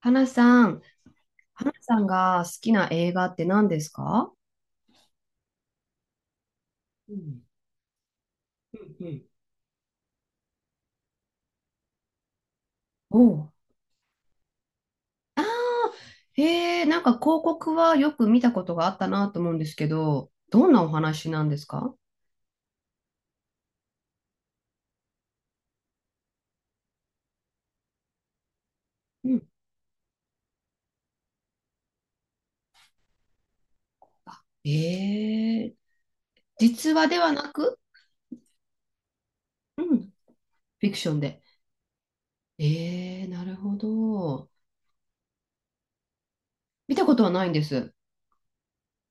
花さん、花さんが好きな映画って何ですか？うん、うん、うん。おう。ああ、へえ、なんか広告はよく見たことがあったなと思うんですけど、どんなお話なんですか？うん。ええ、実話ではなく、うん、フィクションで。ええ、なるほど。見たことはないんです。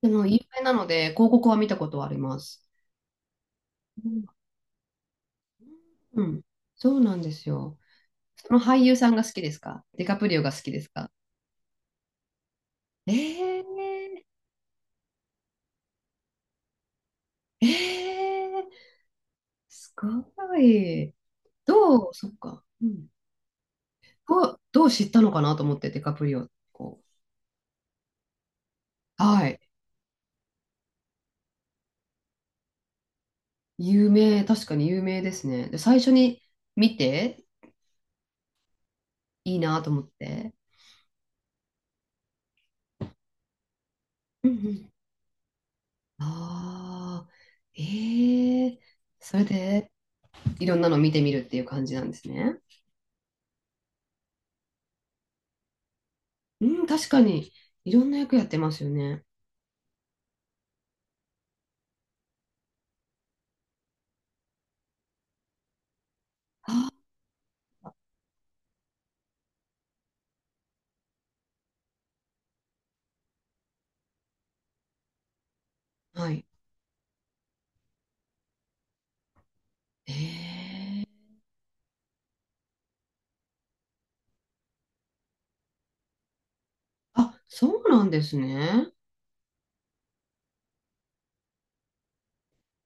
でも、有名なので、広告は見たことはあります。うん、うん。そうなんですよ。その俳優さんが好きですか？ディカプリオが好きですか？ええ、ええ。すごい。そっか。うん。どう知ったのかなと思って、ディカプリオ。こう。はい。確かに有名ですね。で、最初に見て、いいなと思って。うんうん。ああ、ええ。それで、いろんなの見てみるっていう感じなんですね。うん、確かに、いろんな役やってますよね。あー、はい。ええ。あ、そうなんですね。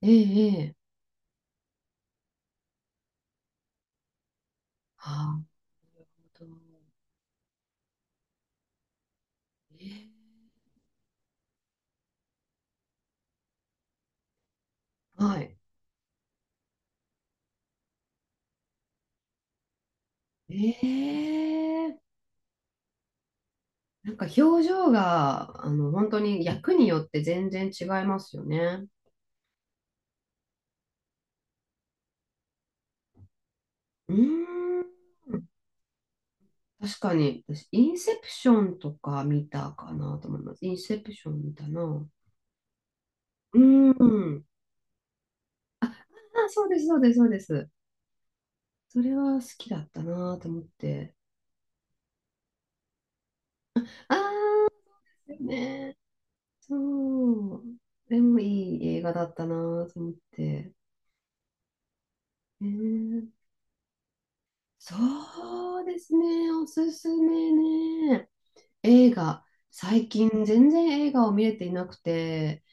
ええ、ええ。ああ、なるほど。えー、はい。ええ。なんか表情が、本当に役によって全然違いますよね。うーん。確かに、私、インセプションとか見たかなと思います。インセプション見たな。うーん。あ、そうです、そうです、そうです。それは好きだったなと思って。ああ、ね。そう。でもいい映画だったなと思って。ええ。そうですね、おすすめね。映画、最近全然映画を見れていなくて、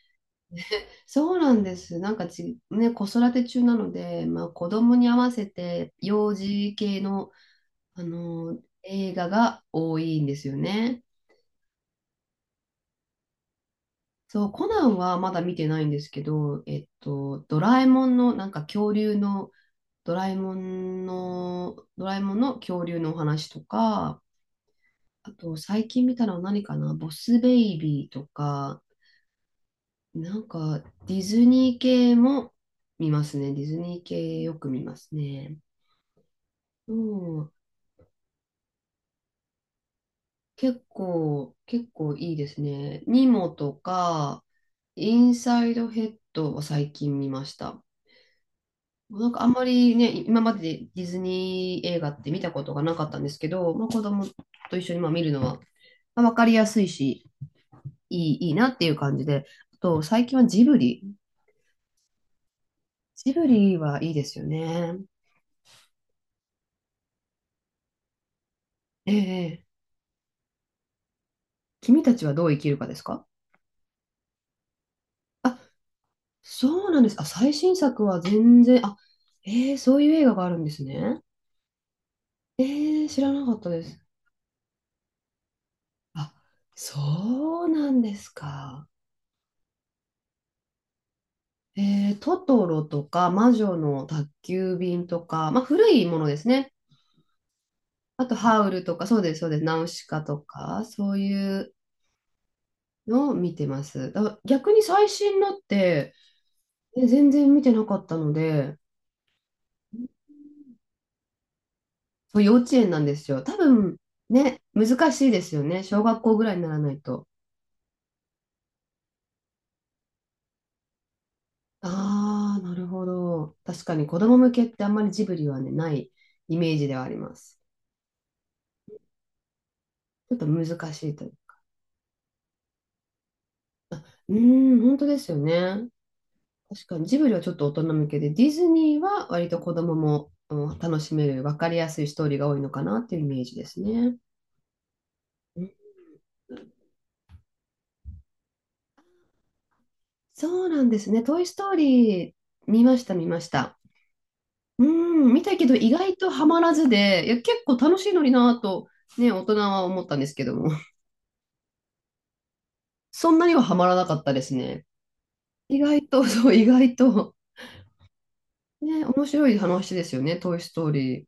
そうなんです。なんかち、ね、子育て中なので、まあ、子供に合わせて幼児系の、あの映画が多いんですよね。そう、コナンはまだ見てないんですけど、ドラえもんの、なんか恐竜の、ドラえもんの恐竜のお話とか、あと、最近見たのは何かな？ボスベイビーとか、なんか、ディズニー系も見ますね。ディズニー系よく見ますね。うん。結構いいですね。ニモとか、インサイドヘッドを最近見ました。なんかあんまりね、今までディズニー映画って見たことがなかったんですけど、まあ、子供と一緒にまあ見るのは、まあ、分かりやすいし、いいなっていう感じで、あと最近はジブリ。ジブリはいいですよね。ええ、ええ。君たちはどう生きるかですか？あ、そうなんです。あ、最新作は全然、あ、ええ、そういう映画があるんですね。ええ、知らなかったです。あ、そうなんですか。ええ、トトロとか、魔女の宅急便とか、まあ、古いものですね。あと、ハウルとか、そうです、そうです。ナウシカとか、そういうのを見てます。だから逆に最新のって、全然見てなかったので、そう、幼稚園なんですよ。多分、ね、難しいですよね。小学校ぐらいにならないと。ああ、なるほど。確かに子供向けってあんまりジブリはね、ないイメージではあります。ちょっと難しいという。うーん、本当ですよね。確かにジブリはちょっと大人向けで、ディズニーは割と子供も、うん、楽しめる、分かりやすいストーリーが多いのかなっていうイメージですね。うん。そうなんですね。トイ・ストーリー見ました、見ました。うん、見たけど意外とハマらずで、いや、結構楽しいのになぁと、ね、大人は思ったんですけども、そんなにはハマらなかったですね。意外と、そう、意外と、ね、面白い話ですよね、トイ・ストーリー。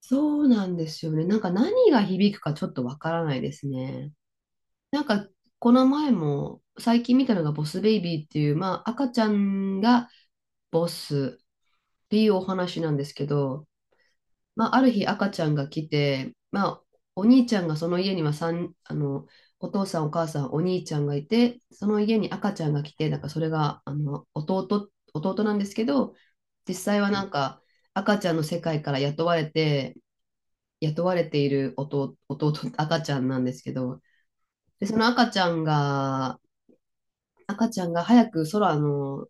そうなんですよね。なんか何が響くかちょっとわからないですね。なんか、この前も、最近見たのがボス・ベイビーっていう、まあ、赤ちゃんがボスっていうお話なんですけど、まあ、ある日赤ちゃんが来て、まあ、お兄ちゃんがその家にはさんあの、お父さん、お母さん、お兄ちゃんがいて、その家に赤ちゃんが来て、なんかそれがあの弟なんですけど、実際はなんか赤ちゃんの世界から雇われて、雇われている赤ちゃんなんですけど、で、その赤ちゃんが、早く空の、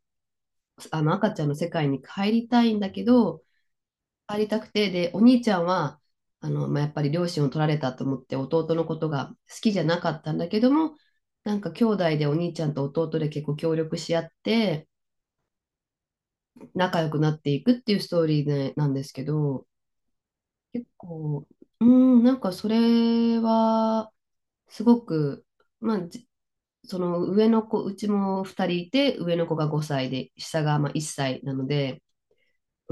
あの赤ちゃんの世界に帰りたいんだけど、帰りたくて、で、お兄ちゃんは、まあ、やっぱり両親を取られたと思って弟のことが好きじゃなかったんだけども、なんか兄弟でお兄ちゃんと弟で結構協力し合って仲良くなっていくっていうストーリーでなんですけど、結構、うん、なんかそれは、すごく、まあ、その上の子、うちも2人いて、上の子が5歳で、下がまあ1歳なので、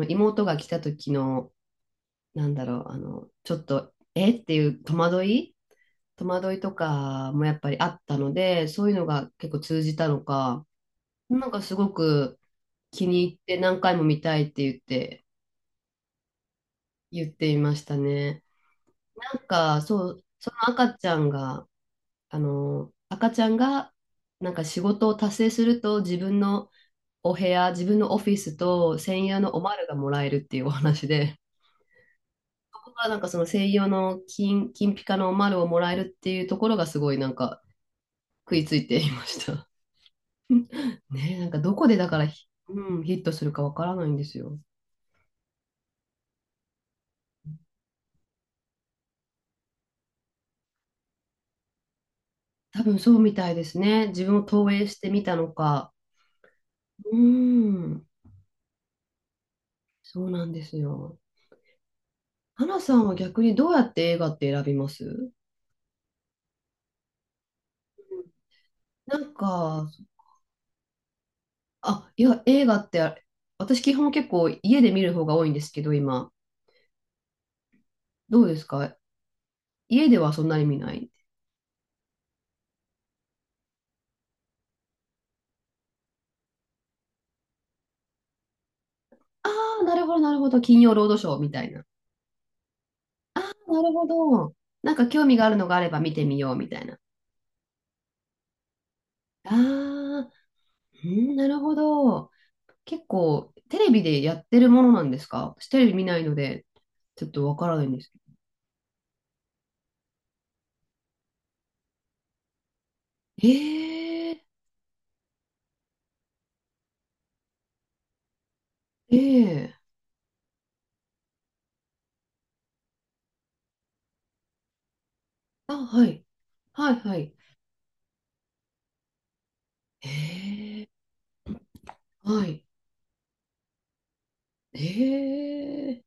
妹が来た時のなんだろう、あの、ちょっと、えっていう戸惑いとかもやっぱりあったので、そういうのが結構通じたのか、なんかすごく気に入って何回も見たいって言っていましたね。なんか、そう、その赤ちゃんが、あの、赤ちゃんが、なんか仕事を達成すると自分のお部屋、自分のオフィスと専用のおまるがもらえるっていうお話で、はなんかその西洋の金ピカの丸をもらえるっていうところがすごいなんか食いついていました。ねえ、なんかどこでだからうん、ヒットするかわからないんですよ。多分そうみたいですね。自分を投影してみたのか。うーん、そうなんですよ。花さんは逆にどうやって映画って選びます？なんか、あ、いや、映画って、私基本結構家で見る方が多いんですけど、今。どうですか？家ではそんなに見ない？ああ、なるほど、なるほど。金曜ロードショーみたいな。なるほど。なんか興味があるのがあれば見てみようみたいな。ああ、うん、なるほど。結構テレビでやってるものなんですか？私テレビ見ないので、ちょっとわからないんですけど。ええ、ええ。あ、はい。はい、はい。ええ、はい。ええ。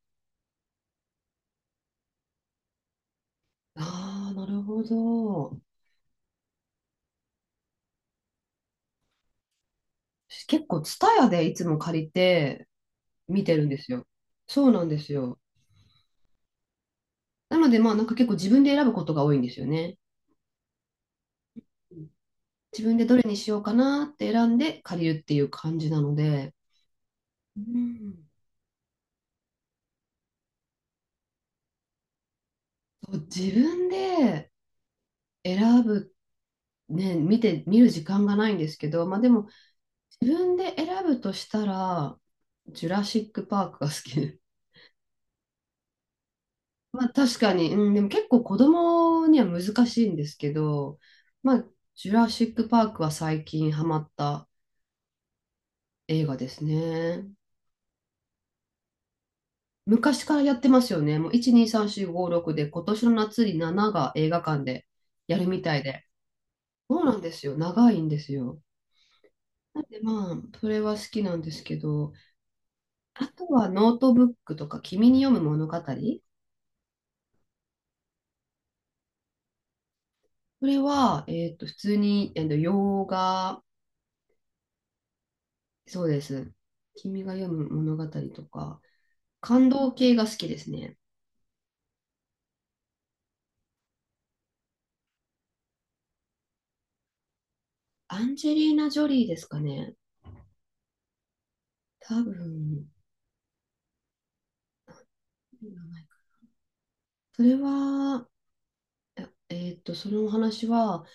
ああ、なるほど。私結構、ツタヤでいつも借りて見てるんですよ。そうなんですよ。なので、まあ、なんか結構自分で選ぶことが多いんですよね。うん。自分でどれにしようかなって選んで借りるっていう感じなので、うん。そう自分で選ぶ、ね、見る時間がないんですけど、まあでも、自分で選ぶとしたら、ジュラシック・パークが好きで。まあ確かに、うん、でも結構子供には難しいんですけど、まあ、ジュラシック・パークは最近ハマった映画ですね。昔からやってますよね。もう1、2、3、4、5、6で、今年の夏に7が映画館でやるみたいで。そうなんですよ。長いんですよ。なんでまあ、それは好きなんですけど、あとはノートブックとか、君に読む物語。それは、普通に、洋画、そうです。君が読む物語とか、感動系が好きですね。アンジェリーナ・ジョリーですかね。多分、それは、そのお話は、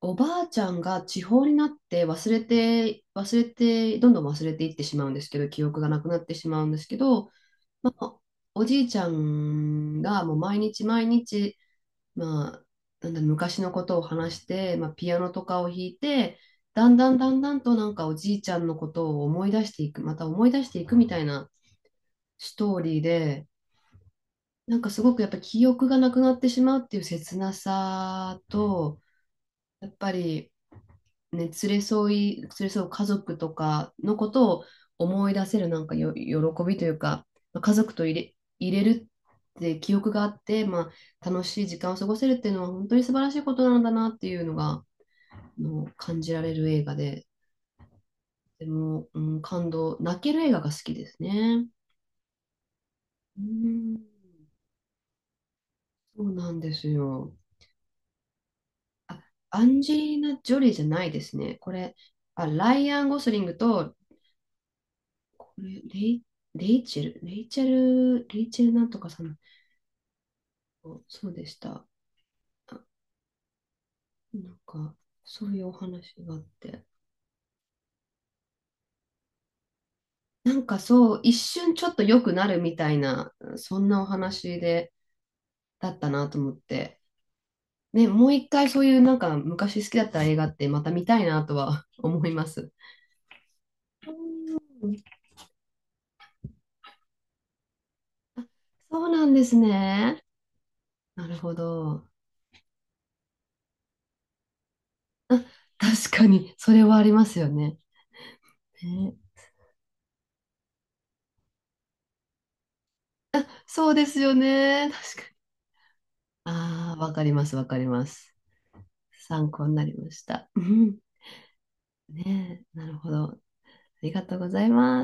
おばあちゃんが地方になって忘れて、忘れて、どんどん忘れていってしまうんですけど、記憶がなくなってしまうんですけど、まあ、おじいちゃんがもう毎日毎日、まあ、なんだ昔のことを話して、まあ、ピアノとかを弾いて、だんだんだんだんとなんかおじいちゃんのことを思い出していく、また思い出していくみたいなストーリーで、なんかすごくやっぱり記憶がなくなってしまうっていう切なさと、やっぱり、ね、連れ添う家族とかのことを思い出せるなんか喜びというか、家族と入れるって記憶があって、まあ、楽しい時間を過ごせるっていうのは本当に素晴らしいことなんだなっていうのが、の感じられる映画で、でも、うん、感動、泣ける映画が好きですね。うん、そうなんですよ。あ、アンジェリーナ・ジョリーじゃないですね。これ、あ、ライアン・ゴスリングと、これ、レイチェル、レイチェル、レイチェルなんとかさん、そうでした。なんか、そういうお話があって。なんかそう、一瞬ちょっと良くなるみたいな、そんなお話で、だったなと思って。ね、もう一回そういうなんか昔好きだった映画ってまた見たいなとは思います。そうなんですね。なるほど。確かに、それはありますよね。ね。あ、そうですよね。確かに。ああ、わかります、わかります。参考になりました。ねえ、なるほど。ありがとうございます。